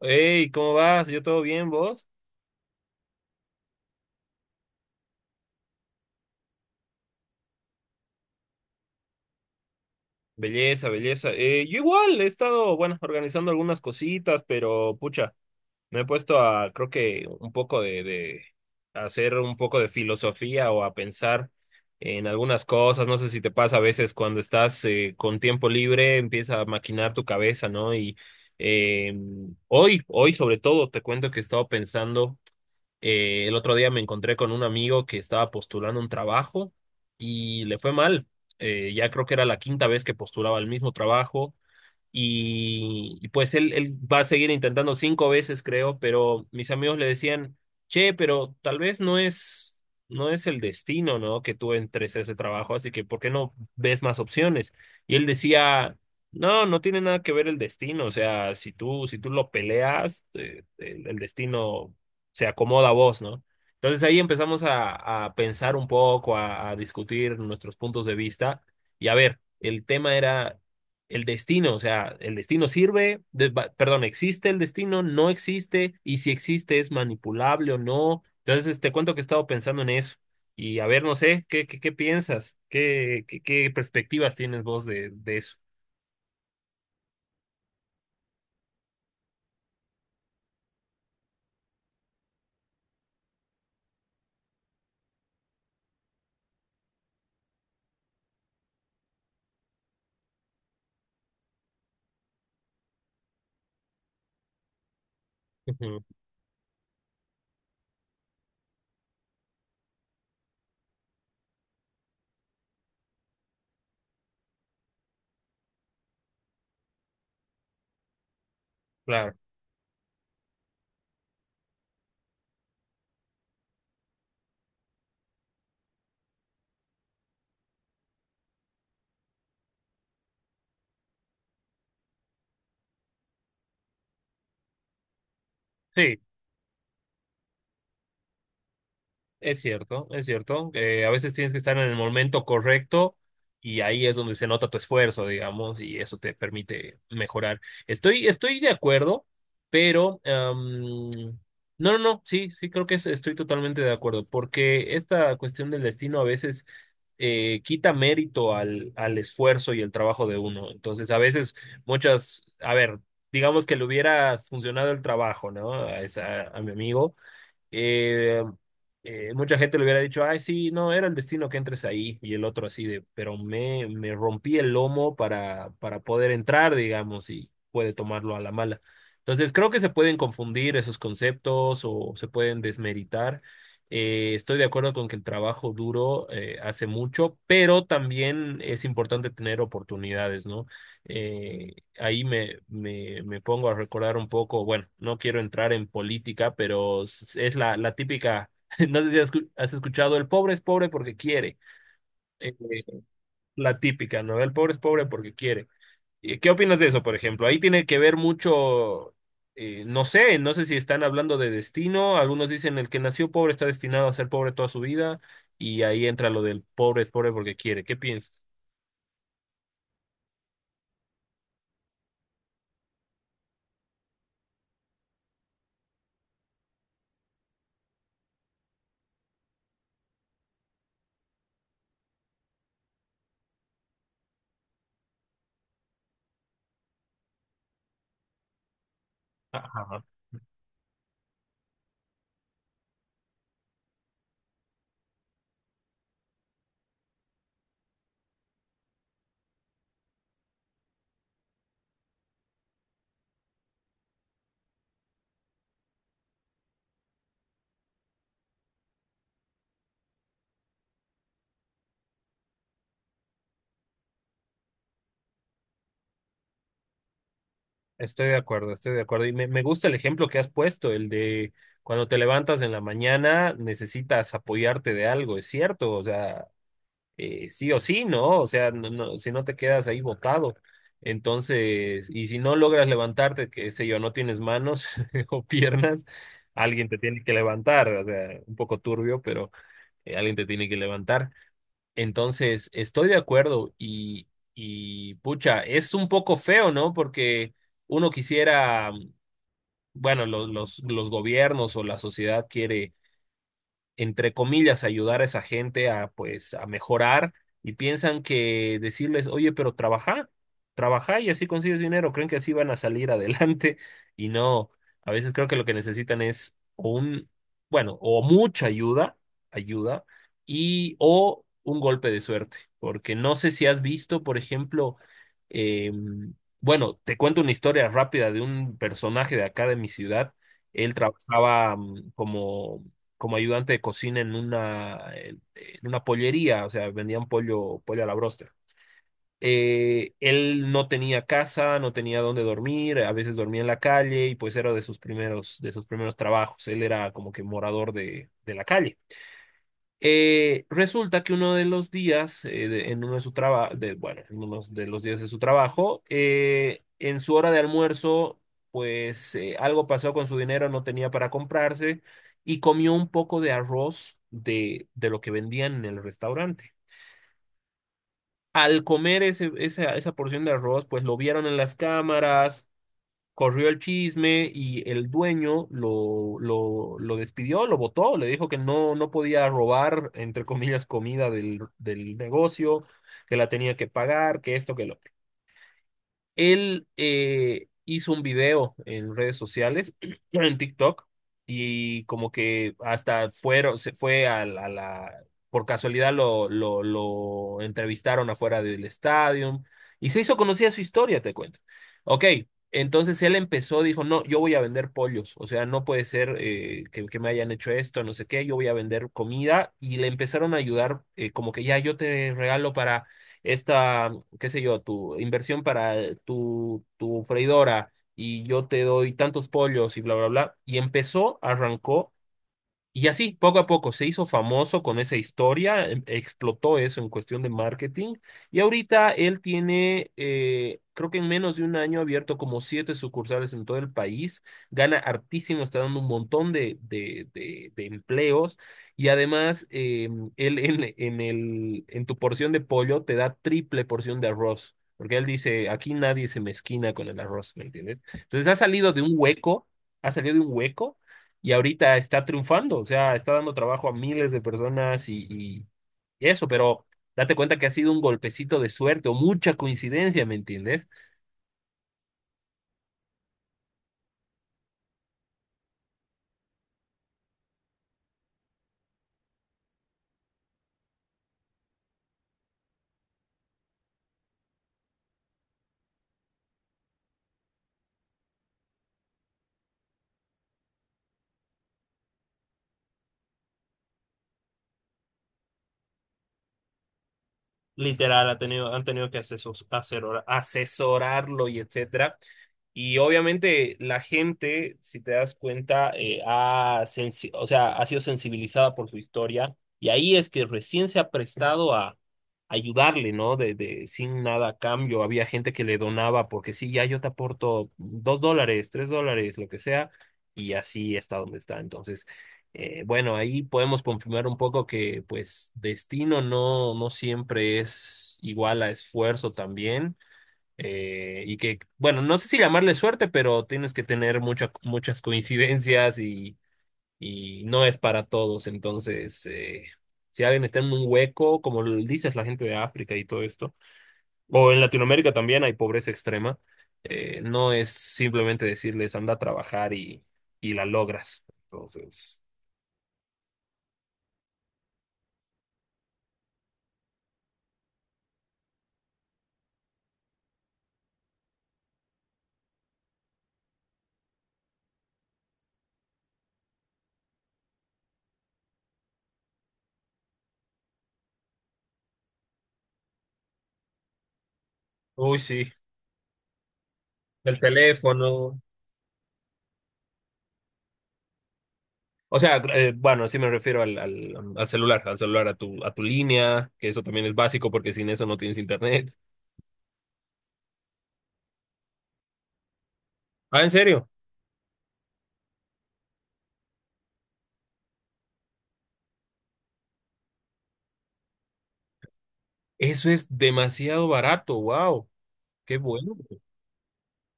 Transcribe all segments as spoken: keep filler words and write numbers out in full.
Hey, ¿cómo vas? ¿Yo todo bien, vos? Belleza, belleza. Eh, yo igual he estado, bueno, organizando algunas cositas, pero pucha, me he puesto a, creo que un poco de, de hacer un poco de filosofía o a pensar en algunas cosas. No sé si te pasa a veces cuando estás eh, con tiempo libre, empieza a maquinar tu cabeza, ¿no? Y eh, hoy, hoy sobre todo, te cuento que he estado pensando. Eh, el otro día me encontré con un amigo que estaba postulando un trabajo y le fue mal. Eh, ya creo que era la quinta vez que postulaba el mismo trabajo y, y pues él, él va a seguir intentando cinco veces, creo, pero mis amigos le decían, che, pero tal vez no es, no es el destino, ¿no? Que tú entres a ese trabajo, así que ¿por qué no ves más opciones? Y él decía, no, no tiene nada que ver el destino, o sea, si tú, si tú lo peleas, eh, el, el destino se acomoda a vos, ¿no? Entonces ahí empezamos a, a pensar un poco, a a discutir nuestros puntos de vista. Y a ver, el tema era el destino, o sea, el destino sirve, de- va- perdón, ¿existe el destino? ¿No existe? Y si existe, ¿es manipulable o no? Entonces, te cuento que he estado pensando en eso. Y a ver, no sé, ¿qué, qué, qué piensas? ¿Qué, qué, qué perspectivas tienes vos de, de eso? Ujú. Claro. Sí. Es cierto, es cierto. Que a veces tienes que estar en el momento correcto y ahí es donde se nota tu esfuerzo, digamos, y eso te permite mejorar. Estoy, estoy de acuerdo, pero am, no, no, no, sí, sí, creo que es- estoy totalmente de acuerdo, porque esta cuestión del destino a veces eh, quita mérito al, al esfuerzo y el trabajo de uno. Entonces, a veces muchas, a ver, digamos que le hubiera funcionado el trabajo, ¿no? A, esa, a mi amigo. Eh, eh, Mucha gente le hubiera dicho, ay, sí, no, era el destino que entres ahí. Y el otro así de, pero me, me rompí el lomo para, para poder entrar, digamos, y puede tomarlo a la mala. Entonces, creo que se pueden confundir esos conceptos o se pueden desmeritar. Eh, estoy de acuerdo con que el trabajo duro eh, hace mucho, pero también es importante tener oportunidades, ¿no? Eh, Ahí me, me, me pongo a recordar un poco, bueno, no quiero entrar en política, pero s- es la, la típica, no sé si has escu- has escuchado, el pobre es pobre porque quiere. Eh, la típica, ¿no? El pobre es pobre porque quiere. Eh, ¿Qué opinas de eso, por ejemplo? Ahí tiene que ver mucho, eh, no sé, no sé si están hablando de destino, algunos dicen el que nació pobre está destinado a ser pobre toda su vida, y ahí entra lo del pobre es pobre porque quiere. ¿Qué piensas? Estoy de acuerdo, estoy de acuerdo. Y me, me gusta el ejemplo que has puesto, el de cuando te levantas en la mañana necesitas apoyarte de algo, es cierto, o sea, eh, sí o sí, ¿no? O sea, no, no, si no te quedas ahí botado. Entonces, y si no logras levantarte, que sé yo, no tienes manos o piernas, alguien te tiene que levantar, o sea, un poco turbio, pero eh, alguien te tiene que levantar. Entonces, estoy de acuerdo y, y pucha, es un poco feo, ¿no? Porque uno quisiera, bueno, los los, los gobiernos o la sociedad quiere, entre comillas, ayudar a esa gente a, pues, a mejorar, y piensan que decirles, oye, pero trabaja, trabaja y así consigues dinero, creen que así van a salir adelante, y no, a veces creo que lo que necesitan es o un, bueno, o mucha ayuda, ayuda, y o un golpe de suerte, porque no sé si has visto, por ejemplo, em, bueno, te cuento una historia rápida de un personaje de acá de mi ciudad. Él trabajaba mm, como como ayudante de cocina en una, en una pollería, o sea, vendían pollo, pollo a la broster. Eh, él no tenía casa, no tenía dónde dormir, a veces dormía en la calle y pues era de sus primeros, de sus primeros trabajos. Él era como que morador de, de la calle. Eh, resulta que uno de los días, eh, de- en uno de su traba- de, bueno, en uno de los días de su trabajo, eh, en su hora de almuerzo, pues eh, algo pasó con su dinero, no tenía para comprarse y comió un poco de arroz de, de lo que vendían en el restaurante. Al comer ese- esa, esa porción de arroz, pues lo vieron en las cámaras. Corrió el chisme y el dueño lo, lo, lo despidió, lo botó, le dijo que no, no podía robar, entre comillas, comida del, del negocio, que la tenía que pagar, que esto, que lo. Él eh, hizo un video en redes sociales, en TikTok, y como que hasta fueron, se fue a la, a la- por casualidad lo, lo, lo entrevistaron afuera del estadio y se hizo conocida su historia, te cuento. Ok, entonces él empezó, dijo, no, yo voy a vender pollos, o sea, no puede ser eh, que, que me hayan hecho esto, no sé qué, yo voy a vender comida, y le empezaron a ayudar, eh, como que ya yo te regalo para esta, qué sé yo, tu inversión para eh, tu, tu freidora y yo te doy tantos pollos y bla, bla, bla. Y empezó, arrancó y así, poco a poco, se hizo famoso con esa historia, em- explotó eso en cuestión de marketing. Y ahorita él tiene, eh, creo que en menos de un año, ha abierto como siete sucursales en todo el país. Gana hartísimo, está dando un montón de, de, de, de empleos. Y además, eh, él en, en el, en tu porción de pollo te da triple porción de arroz. Porque él dice, aquí nadie se mezquina con el arroz, ¿me entiendes? Entonces ha salido de un hueco, ha salido de un hueco y ahorita está triunfando, o sea, está dando trabajo a miles de personas y, y y eso, pero date cuenta que ha sido un golpecito de suerte o mucha coincidencia, ¿me entiendes? Literal, ha tenido, han tenido que asesos- asesorar- asesorarlo y etcétera. Y obviamente la gente, si te das cuenta, eh, ha, sensi- o sea, ha sido sensibilizada por su historia y ahí es que recién se ha prestado a ayudarle, ¿no? De, de, sin nada a cambio. Había gente que le donaba porque sí, ya yo te aporto dos dólares, tres dólares, lo que sea, y así está donde está. Entonces... Eh, bueno, ahí podemos confirmar un poco que pues destino no, no siempre es igual a esfuerzo también, eh, y que, bueno, no sé si llamarle suerte, pero tienes que tener mucha- muchas coincidencias y, y no es para todos. Entonces, eh, si alguien está en un hueco, como lo dices, la gente de África y todo esto, o en Latinoamérica también hay pobreza extrema, eh, no es simplemente decirles anda a trabajar y, y la logras. Entonces... Uy, sí, del teléfono. O sea, eh, bueno, sí me refiero al, al, al celular, al celular, a tu, a tu línea, que eso también es básico porque sin eso no tienes internet. Ah, en serio, eso es demasiado barato, wow, qué bueno.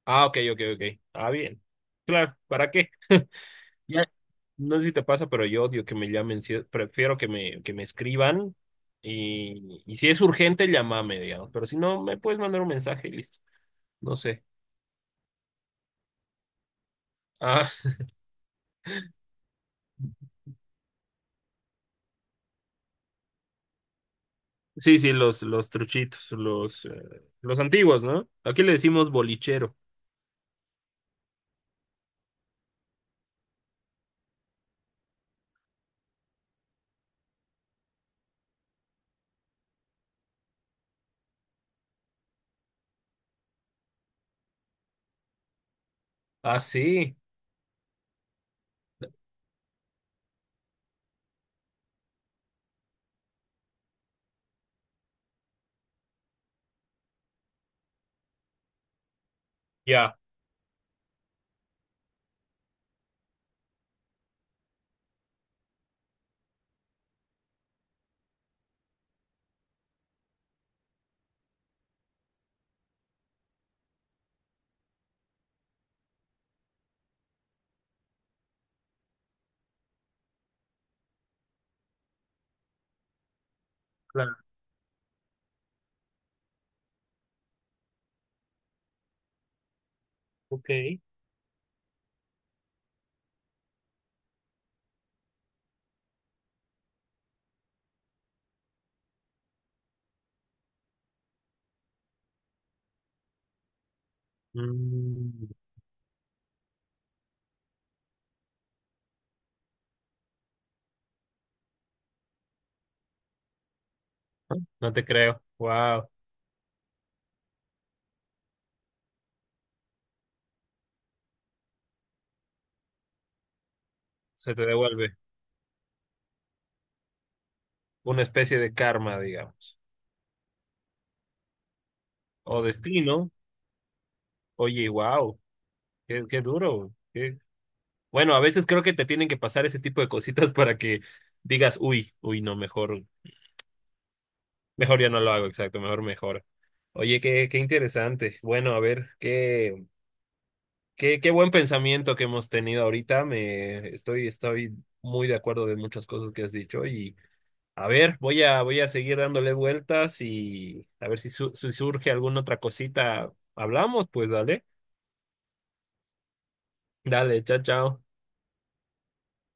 Ah, ok, ok, ok. Ah, bien. Claro, ¿para qué? Ya, no sé si te pasa, pero yo odio que me llamen, sí, prefiero que me, que me escriban, y, y si es urgente, llámame, digamos, pero si no, me puedes mandar un mensaje y listo. No sé. Ah, sí, sí, los, los truchitos, los, eh, los antiguos, ¿no? Aquí le decimos bolichero. Ah, sí. Ya, claro. Ok. Mm, no te creo. Wow. Se te devuelve una especie de karma, digamos. O destino. Oye, wow. Qué, qué duro. qué- Bueno, a veces creo que te tienen que pasar ese tipo de cositas para que digas, uy, uy, no, mejor, mejor ya no lo hago, exacto, mejor mejor. Oye, qué, qué interesante. Bueno, a ver, ¿qué? Qué, qué buen pensamiento que hemos tenido ahorita. Me estoy, estoy muy de acuerdo de muchas cosas que has dicho. Y a ver, voy a, voy a seguir dándole vueltas y a ver si, su- si surge alguna otra cosita. Hablamos, pues dale. Dale, chao, chao.